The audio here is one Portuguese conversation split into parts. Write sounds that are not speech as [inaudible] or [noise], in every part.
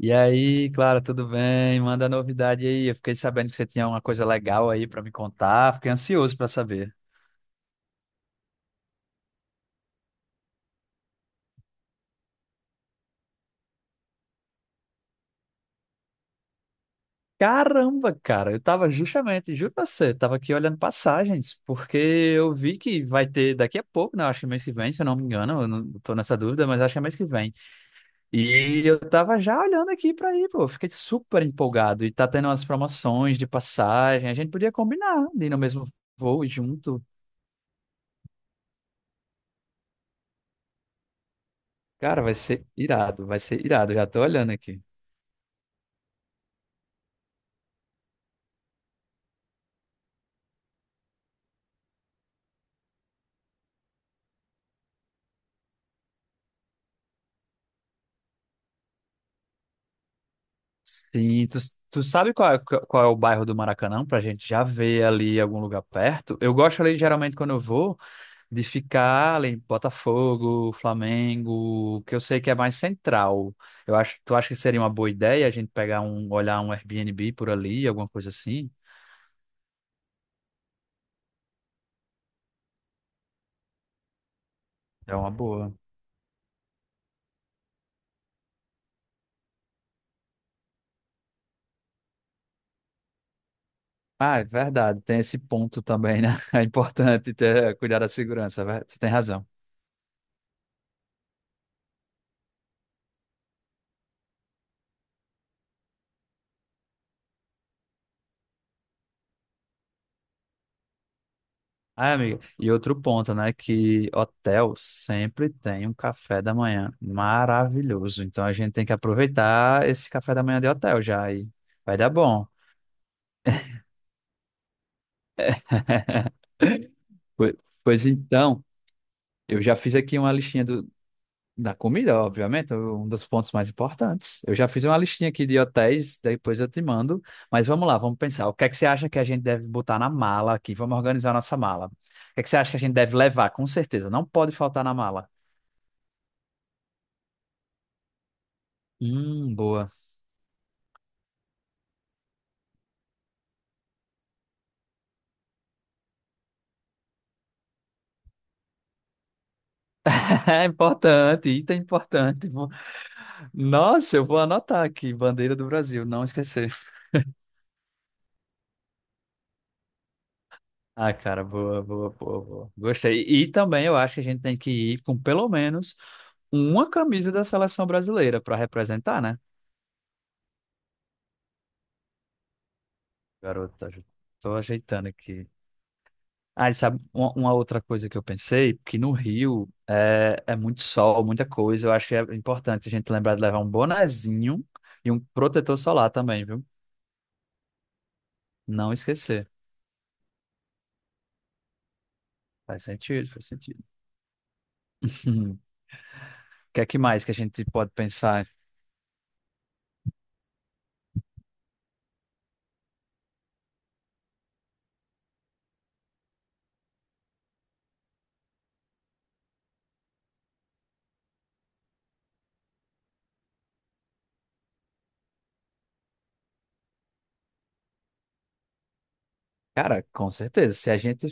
E aí, Clara, tudo bem? Manda novidade aí. Eu fiquei sabendo que você tinha uma coisa legal aí pra me contar. Fiquei ansioso pra saber. Caramba, cara, eu tava justamente, juro pra você, tava aqui olhando passagens, porque eu vi que vai ter daqui a pouco, né? Acho que mês que vem, se eu não me engano, eu não tô nessa dúvida, mas acho que é mês que vem. E eu tava já olhando aqui pra ir, pô, fiquei super empolgado. E tá tendo umas promoções de passagem, a gente podia combinar de ir no mesmo voo junto. Cara, vai ser irado, já tô olhando aqui. Sim, tu, tu sabe qual é o bairro do Maracanã, pra gente já ver ali algum lugar perto? Eu gosto ali, geralmente, quando eu vou, de ficar ali em Botafogo, Flamengo, que eu sei que é mais central. Eu acho, tu acha que seria uma boa ideia a gente pegar um, olhar um Airbnb por ali, alguma coisa assim? É uma boa. Ah, é verdade, tem esse ponto também, né? [laughs] É importante ter, cuidar da segurança, você tem razão. Ah, amigo, e outro ponto, né, que hotel sempre tem um café da manhã maravilhoso. Então a gente tem que aproveitar esse café da manhã de hotel já e vai dar bom. [laughs] Pois pois então, eu já fiz aqui uma listinha do, da comida, obviamente, um dos pontos mais importantes. Eu já fiz uma listinha aqui de hotéis, depois eu te mando. Mas vamos lá, vamos pensar. O que é que você acha que a gente deve botar na mala aqui? Vamos organizar a nossa mala. O que é que você acha que a gente deve levar? Com certeza, não pode faltar na mala. Boa. [laughs] É importante, item importante. Vou- Nossa, eu vou anotar aqui, bandeira do Brasil, não esquecer. Ah, cara, boa, boa, boa, boa. Gostei. E também eu acho que a gente tem que ir com pelo menos uma camisa da seleção brasileira para representar, né? Garota, já tô ajeitando aqui. Ah, e sabe, uma outra coisa que eu pensei, que no Rio é, é muito sol, muita coisa. Eu acho que é importante a gente lembrar de levar um bonezinho e um protetor solar também, viu? Não esquecer. Faz sentido, faz sentido. [laughs] O que é que mais que a gente pode pensar? Cara, com certeza, se a gente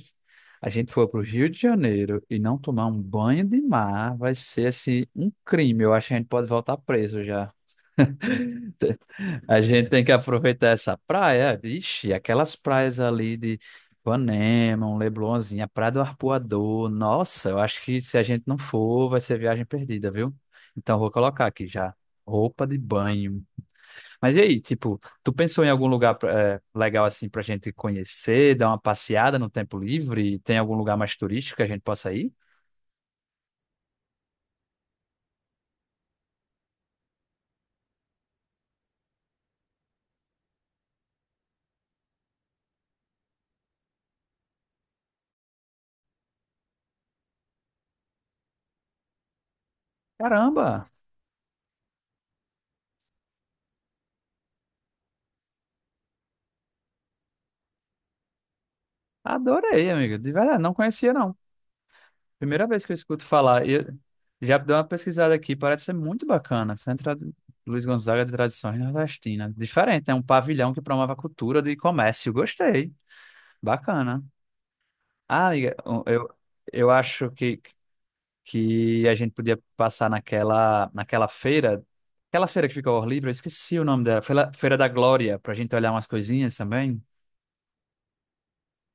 a gente for para o Rio de Janeiro e não tomar um banho de mar, vai ser assim um crime. Eu acho que a gente pode voltar preso já. [laughs] Te- A gente tem que aproveitar essa praia. Ixi, aquelas praias ali de Ipanema, um Leblonzinho, a Praia do Arpoador. Nossa, eu acho que se a gente não for, vai ser viagem perdida, viu? Então vou colocar aqui já. Roupa de banho. Mas e aí, tipo, tu pensou em algum lugar legal assim pra gente conhecer, dar uma passeada no tempo livre? Tem algum lugar mais turístico que a gente possa ir? Caramba, adorei, amigo. De verdade, não conhecia não. Primeira vez que eu escuto falar. E eu já dei uma pesquisada aqui, parece ser muito bacana. Centro Ad- Luiz Gonzaga de Tradições Nordestinas. Diferente, é um pavilhão que promove a cultura de comércio. Gostei. Bacana. Ah, amiga, eu, eu acho que a gente podia passar naquela feira, aquela feira que fica ao ar livre, eu esqueci o nome dela, Feira, Feira da Glória, pra gente olhar umas coisinhas também.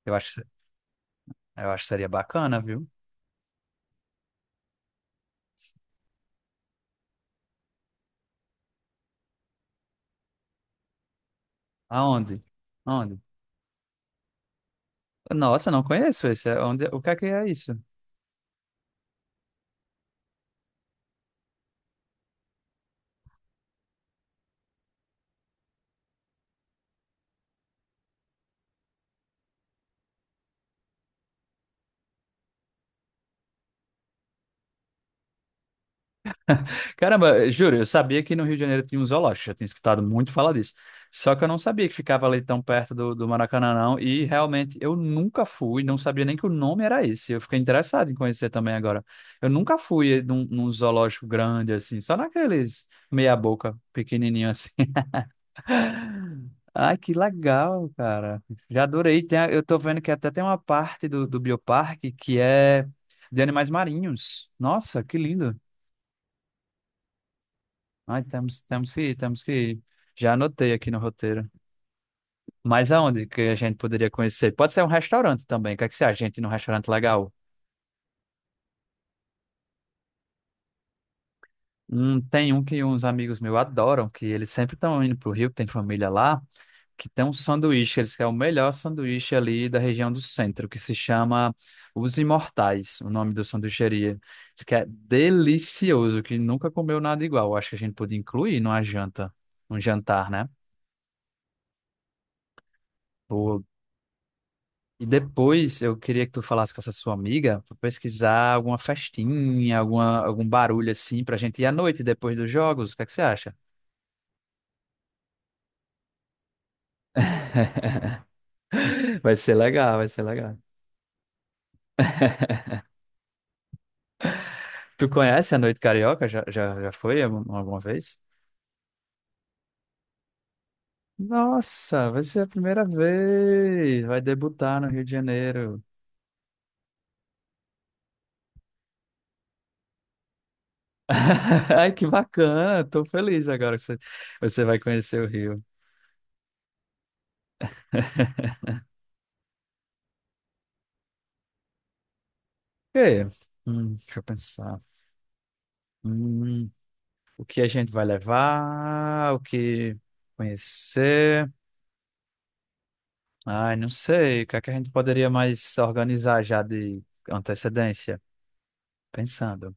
Eu acho, eu acho que seria bacana, viu? Aonde? Aonde? Nossa, eu não conheço esse. É Onde, o que é isso? Caramba, juro, eu sabia que no Rio de Janeiro tinha um zoológico, já tinha escutado muito falar disso. Só que eu não sabia que ficava ali tão perto do Maracanã, não. E realmente eu nunca fui, não sabia nem que o nome era esse. Eu fiquei interessado em conhecer também agora. Eu nunca fui num zoológico grande assim, só naqueles meia-boca, pequenininho assim. [laughs] Ai, que legal, cara. Já adorei. Tem a- eu tô vendo que até tem uma parte do bioparque que é de animais marinhos. Nossa, que lindo. Ai, temos, temos que ir, temos que ir. Já anotei aqui no roteiro. Mas aonde que a gente poderia conhecer? Pode ser um restaurante também. O que é que você acha, gente, num restaurante legal? Tem um que uns amigos meus adoram, que eles sempre estão indo pro Rio, que tem família lá, que tem um sanduíche, eles querem o melhor sanduíche ali da região do centro, que se chama Os Imortais, o nome da sanduicheria. Diz que é delicioso, que nunca comeu nada igual. Acho que a gente podia incluir numa janta, um jantar, né? E depois eu queria que tu falasse com essa sua amiga pra pesquisar alguma festinha, alguma, algum barulho assim pra gente ir à noite depois dos jogos. O que é que você acha? [laughs] Vai ser legal, vai ser legal. Tu conhece a Noite Carioca? Já, já, já foi algum- alguma vez? Nossa, vai ser a primeira vez. Vai debutar no Rio de Janeiro. [laughs] Ai, que bacana. Tô feliz agora que você, você vai conhecer o Rio. [laughs] E, deixa eu pensar. O que a gente vai levar? O que conhecer? Ai, não sei. O que é que a gente poderia mais organizar já de antecedência? Pensando.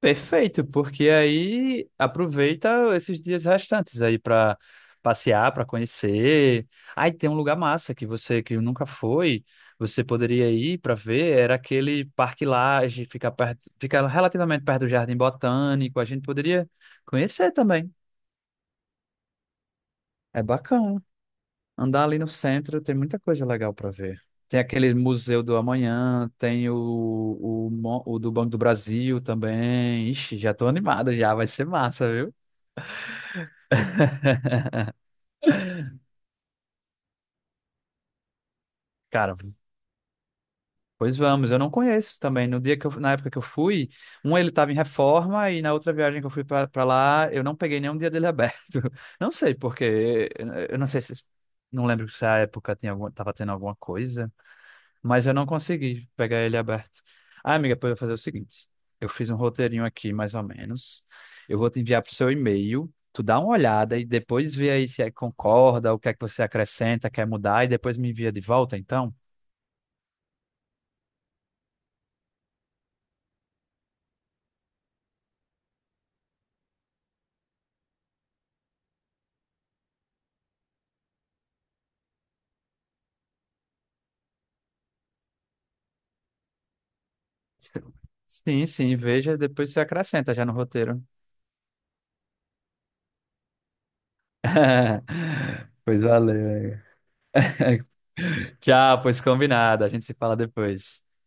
Perfeito, porque aí aproveita esses dias restantes aí para passear, para conhecer. Aí tem um lugar massa que você que nunca foi, você poderia ir para ver, era aquele Parque Lage, fica perto, fica relativamente perto do Jardim Botânico, a gente poderia conhecer também. É bacana. Andar ali no centro tem muita coisa legal para ver. Tem aquele Museu do Amanhã, tem o, mo- o do Banco do Brasil também. Ixi, já tô animado já, vai ser massa, viu? Cara, pois vamos, eu não conheço também. No dia que eu, na época que eu fui, um ele estava em reforma e na outra viagem que eu fui pra lá, eu não peguei nenhum dia dele aberto. [laughs] Não sei porque, eu não sei se, não lembro se a época tinha alguma, tava tendo alguma coisa. Mas eu não consegui pegar ele aberto. Ah, amiga, pode fazer o seguinte: eu fiz um roteirinho aqui, mais ou menos. Eu vou te enviar pro seu e-mail. Tu dá uma olhada e depois vê aí se é- que concorda, o que é que você acrescenta, quer mudar, e depois me envia de volta, então? Sim, sim, veja, depois você acrescenta já no roteiro. [laughs] Pois valeu. [laughs] amiga. Tchau, pois combinado. A gente se fala depois.